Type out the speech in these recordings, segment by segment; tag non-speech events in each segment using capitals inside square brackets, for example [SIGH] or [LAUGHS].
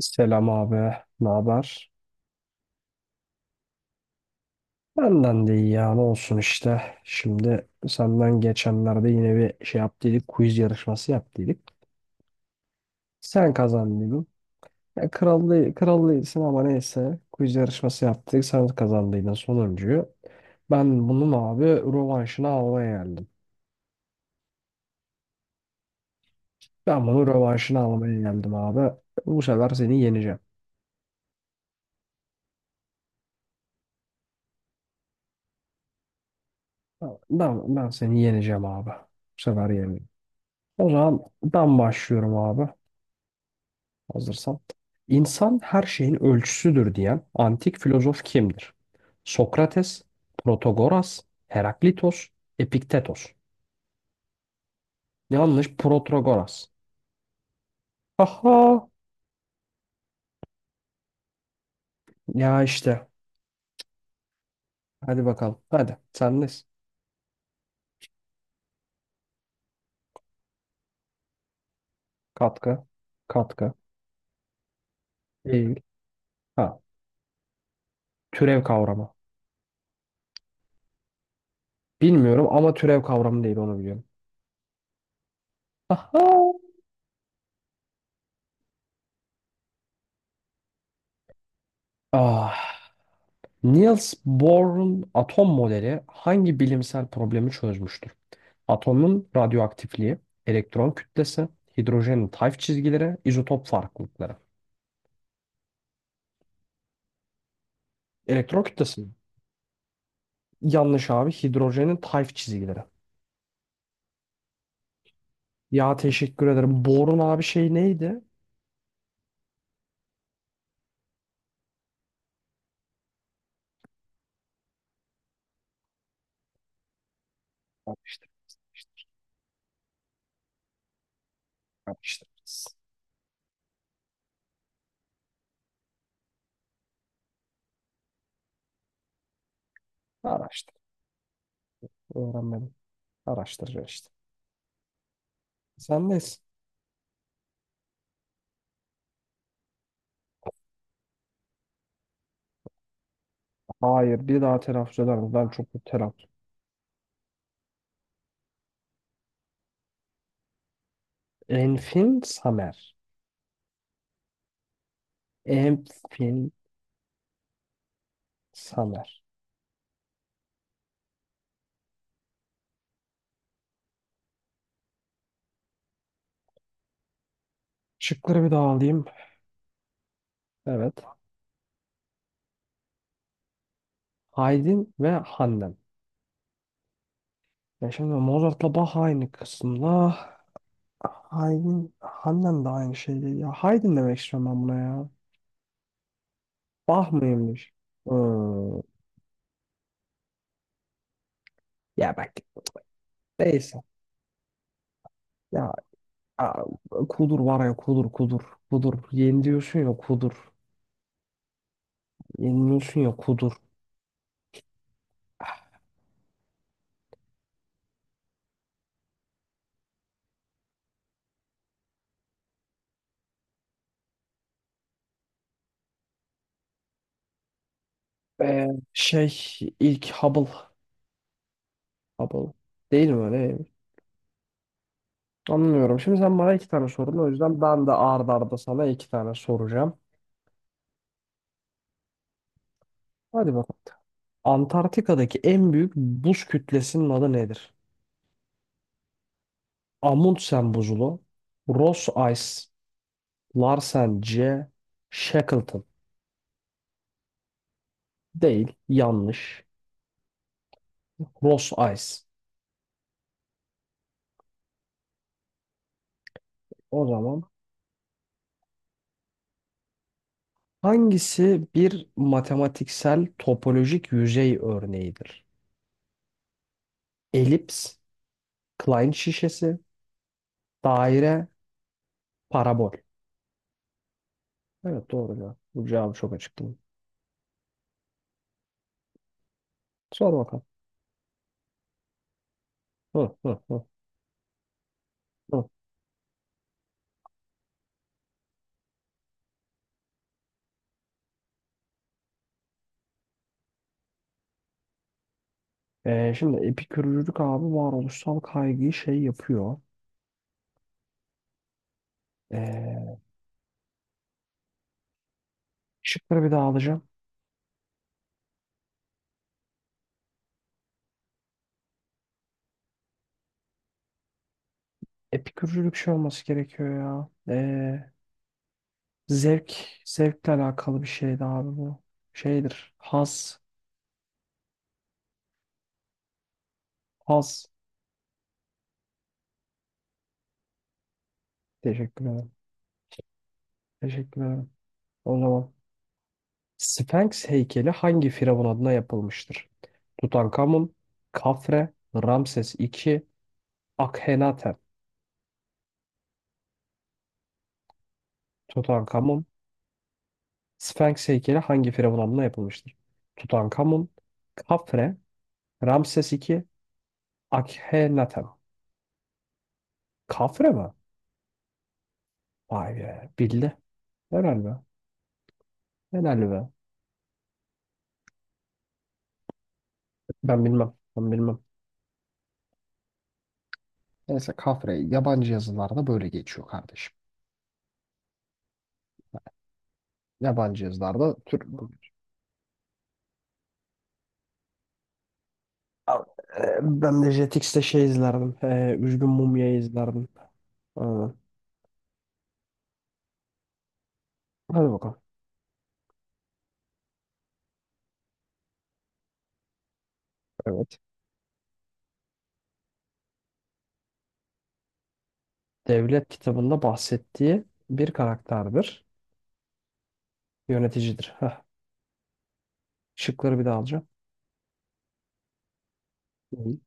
Selam abi, ne haber? Benden de iyi ya, ne olsun işte. Şimdi senden geçenlerde yine bir şey yaptıydık, quiz yarışması yaptıydık. Sen kazandıydın. Ya krallıydın ama neyse. Quiz yarışması yaptık, sen kazandıydın sonuncuyu. Ben bunun abi rövanşını almaya geldim. Ben bunun rövanşını almaya geldim abi. Bu sefer seni yeneceğim. Ben seni yeneceğim abi. Bu sefer yeneceğim. O zaman ben başlıyorum abi. Hazırsan. İnsan her şeyin ölçüsüdür diyen antik filozof kimdir? Sokrates, Protagoras, Heraklitos, Epiktetos. Yanlış Protagoras. Aha! Ya işte. Hadi bakalım. Hadi. Sendeyiz. Katkı. Katkı. Değil. Ha. Türev kavramı. Bilmiyorum ama türev kavramı değil onu biliyorum. Aha! Ah. Niels Bohr'un atom modeli hangi bilimsel problemi çözmüştür? Atomun radyoaktifliği, elektron kütlesi, hidrojenin tayf çizgileri, izotop farklılıkları. Elektron kütlesi mi? Yanlış abi. Hidrojenin tayf çizgileri. Ya teşekkür ederim. Borun abi şey neydi? Araştırırız. Araştır. Öğrenmedim. Araştıracağız işte. Sen nesin? Hayır. Bir daha telaffuz eder misin? Ben çok kötü telaffuz. Enfin Samer. Enfin Samer. Şıkları bir daha alayım. Evet. Haydin ve Handan. Ya şimdi Mozart'la Bach aynı kısımda. Haydn, Hannen de aynı şeydi. Ya Haydn demek istiyorum ben buna ya. Bach mıymış? Hmm. Ya bak, neyse. Ya a- kudur var ya, kudur kudur. Kudur. Yeni diyorsun ya kudur. Yeniliyorsun ya kudur. Ee, şey ilk Hubble. Hubble. Değil mi öyle? Anlıyorum. Şimdi sen bana iki tane sorun. O yüzden ben de ard arda sana iki tane soracağım. Hadi bakalım. Antarktika'daki en büyük buz kütlesinin adı nedir? Amundsen buzulu, Ross Ice, Larsen C, Shackleton. Değil, yanlış. Ross Ice. O zaman hangisi bir matematiksel topolojik yüzey örneğidir? Elips, Klein şişesi, daire, parabol. Evet doğru ya. Bu cevabı çok açık değil mi? Sor bakalım. Hı, hı, hı, hı. Şimdi epikürcülük abi varoluşsal kaygıyı şey yapıyor. Ee, Şıkları bir daha alacağım. Epikürcülük şey olması gerekiyor ya. Ee, Zevk, zevkle alakalı bir şeydi abi bu. Şeydir. Haz, haz. Teşekkür ederim. Teşekkür ederim. O zaman Sphinx heykeli hangi firavun adına yapılmıştır? Tutankamun, Kafre, Ramses II, Akhenaten. Tutankamun, Sphinx heykeli hangi firavun adına yapılmıştır? Tutankamun, Kafre, Ramses II, Akhenaten. Kafre mi? Vay be. Bildi. Helal be. Helal be. Ben bilmem. Ben bilmem. Neyse kafre yabancı yazılarda böyle geçiyor kardeşim. Yabancı yazılarda tür... Al, ben de Jetix'te şey izlerdim. Üzgün Mumya izlerdim. Aynen. Hadi bakalım. Evet. Devlet kitabında bahsettiği bir karakterdir. Yöneticidir. Heh. Şıkları bir daha alacağım. Değil.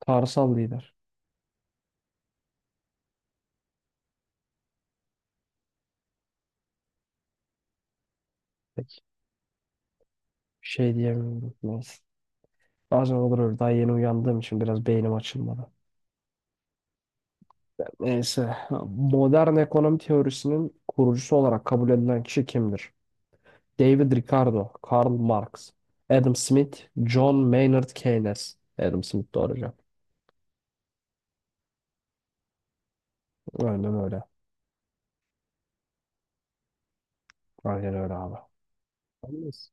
Tanrısal lider. Peki. Şey diyemiyorum. Neyse. Bazen olur öyle. Daha yeni uyandığım için biraz beynim açılmadı. Neyse. Modern ekonomi teorisinin kurucusu olarak kabul edilen kişi kimdir? David Ricardo, Karl Marx, Adam Smith, John Maynard Keynes. Adam Smith doğru cevap. Aynen öyle. Aynen öyle abi. Neyse.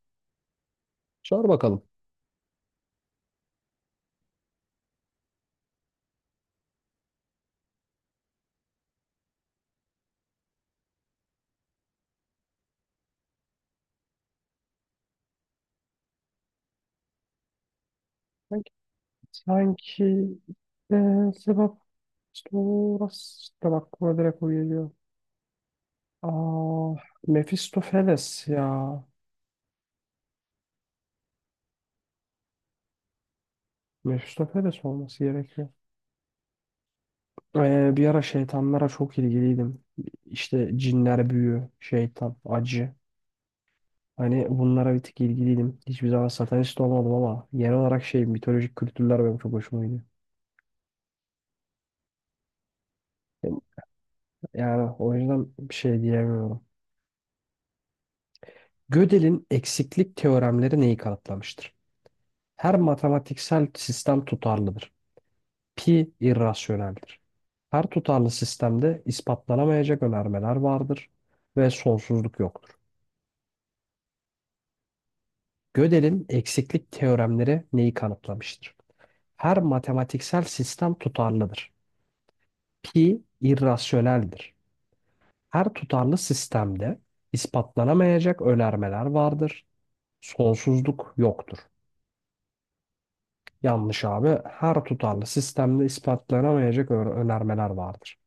Sor bakalım. Sanki, sanki, sebep sonrasında aklıma direkt o geliyor. Aa, Mephistopheles ya. Mephistopheles olması gerekiyor. Bir ara şeytanlara çok ilgiliydim. İşte cinler, büyü, şeytan, acı. Hani bunlara bir tık ilgiliydim. Hiçbir zaman satanist olmadım ama genel olarak şey mitolojik kültürler benim çok hoşuma gidiyor. Yani o yüzden bir şey diyemiyorum. Gödel'in eksiklik teoremleri neyi kanıtlamıştır? Her matematiksel sistem tutarlıdır. Pi irrasyoneldir. Her tutarlı sistemde ispatlanamayacak önermeler vardır ve sonsuzluk yoktur. Gödel'in eksiklik teoremleri neyi kanıtlamıştır? Her matematiksel sistem tutarlıdır. Pi irrasyoneldir. Her tutarlı sistemde ispatlanamayacak önermeler vardır. Sonsuzluk yoktur. Yanlış abi. Her tutarlı sistemde ispatlanamayacak önermeler vardır.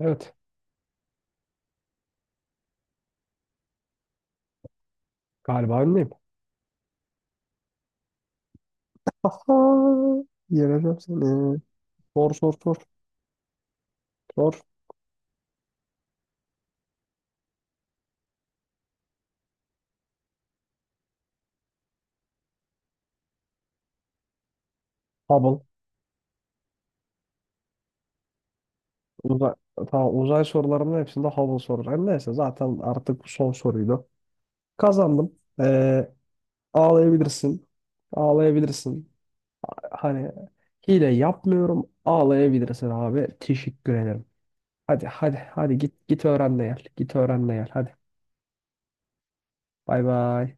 Evet. Galiba önleyim. [LAUGHS] Aha, yeneceğim seni. Sor sor sor. Sor. Hubble. Uzay, tamam, uzay sorularımın hepsinde Hubble soracağım. Neyse zaten artık bu son soruydu. Kazandım. Ağlayabilirsin. Ağlayabilirsin. Hani hile yapmıyorum. Ağlayabilirsin abi. Teşekkür ederim. Hadi hadi hadi git git öğren de gel. Git öğren de gel. Hadi. Bay bay.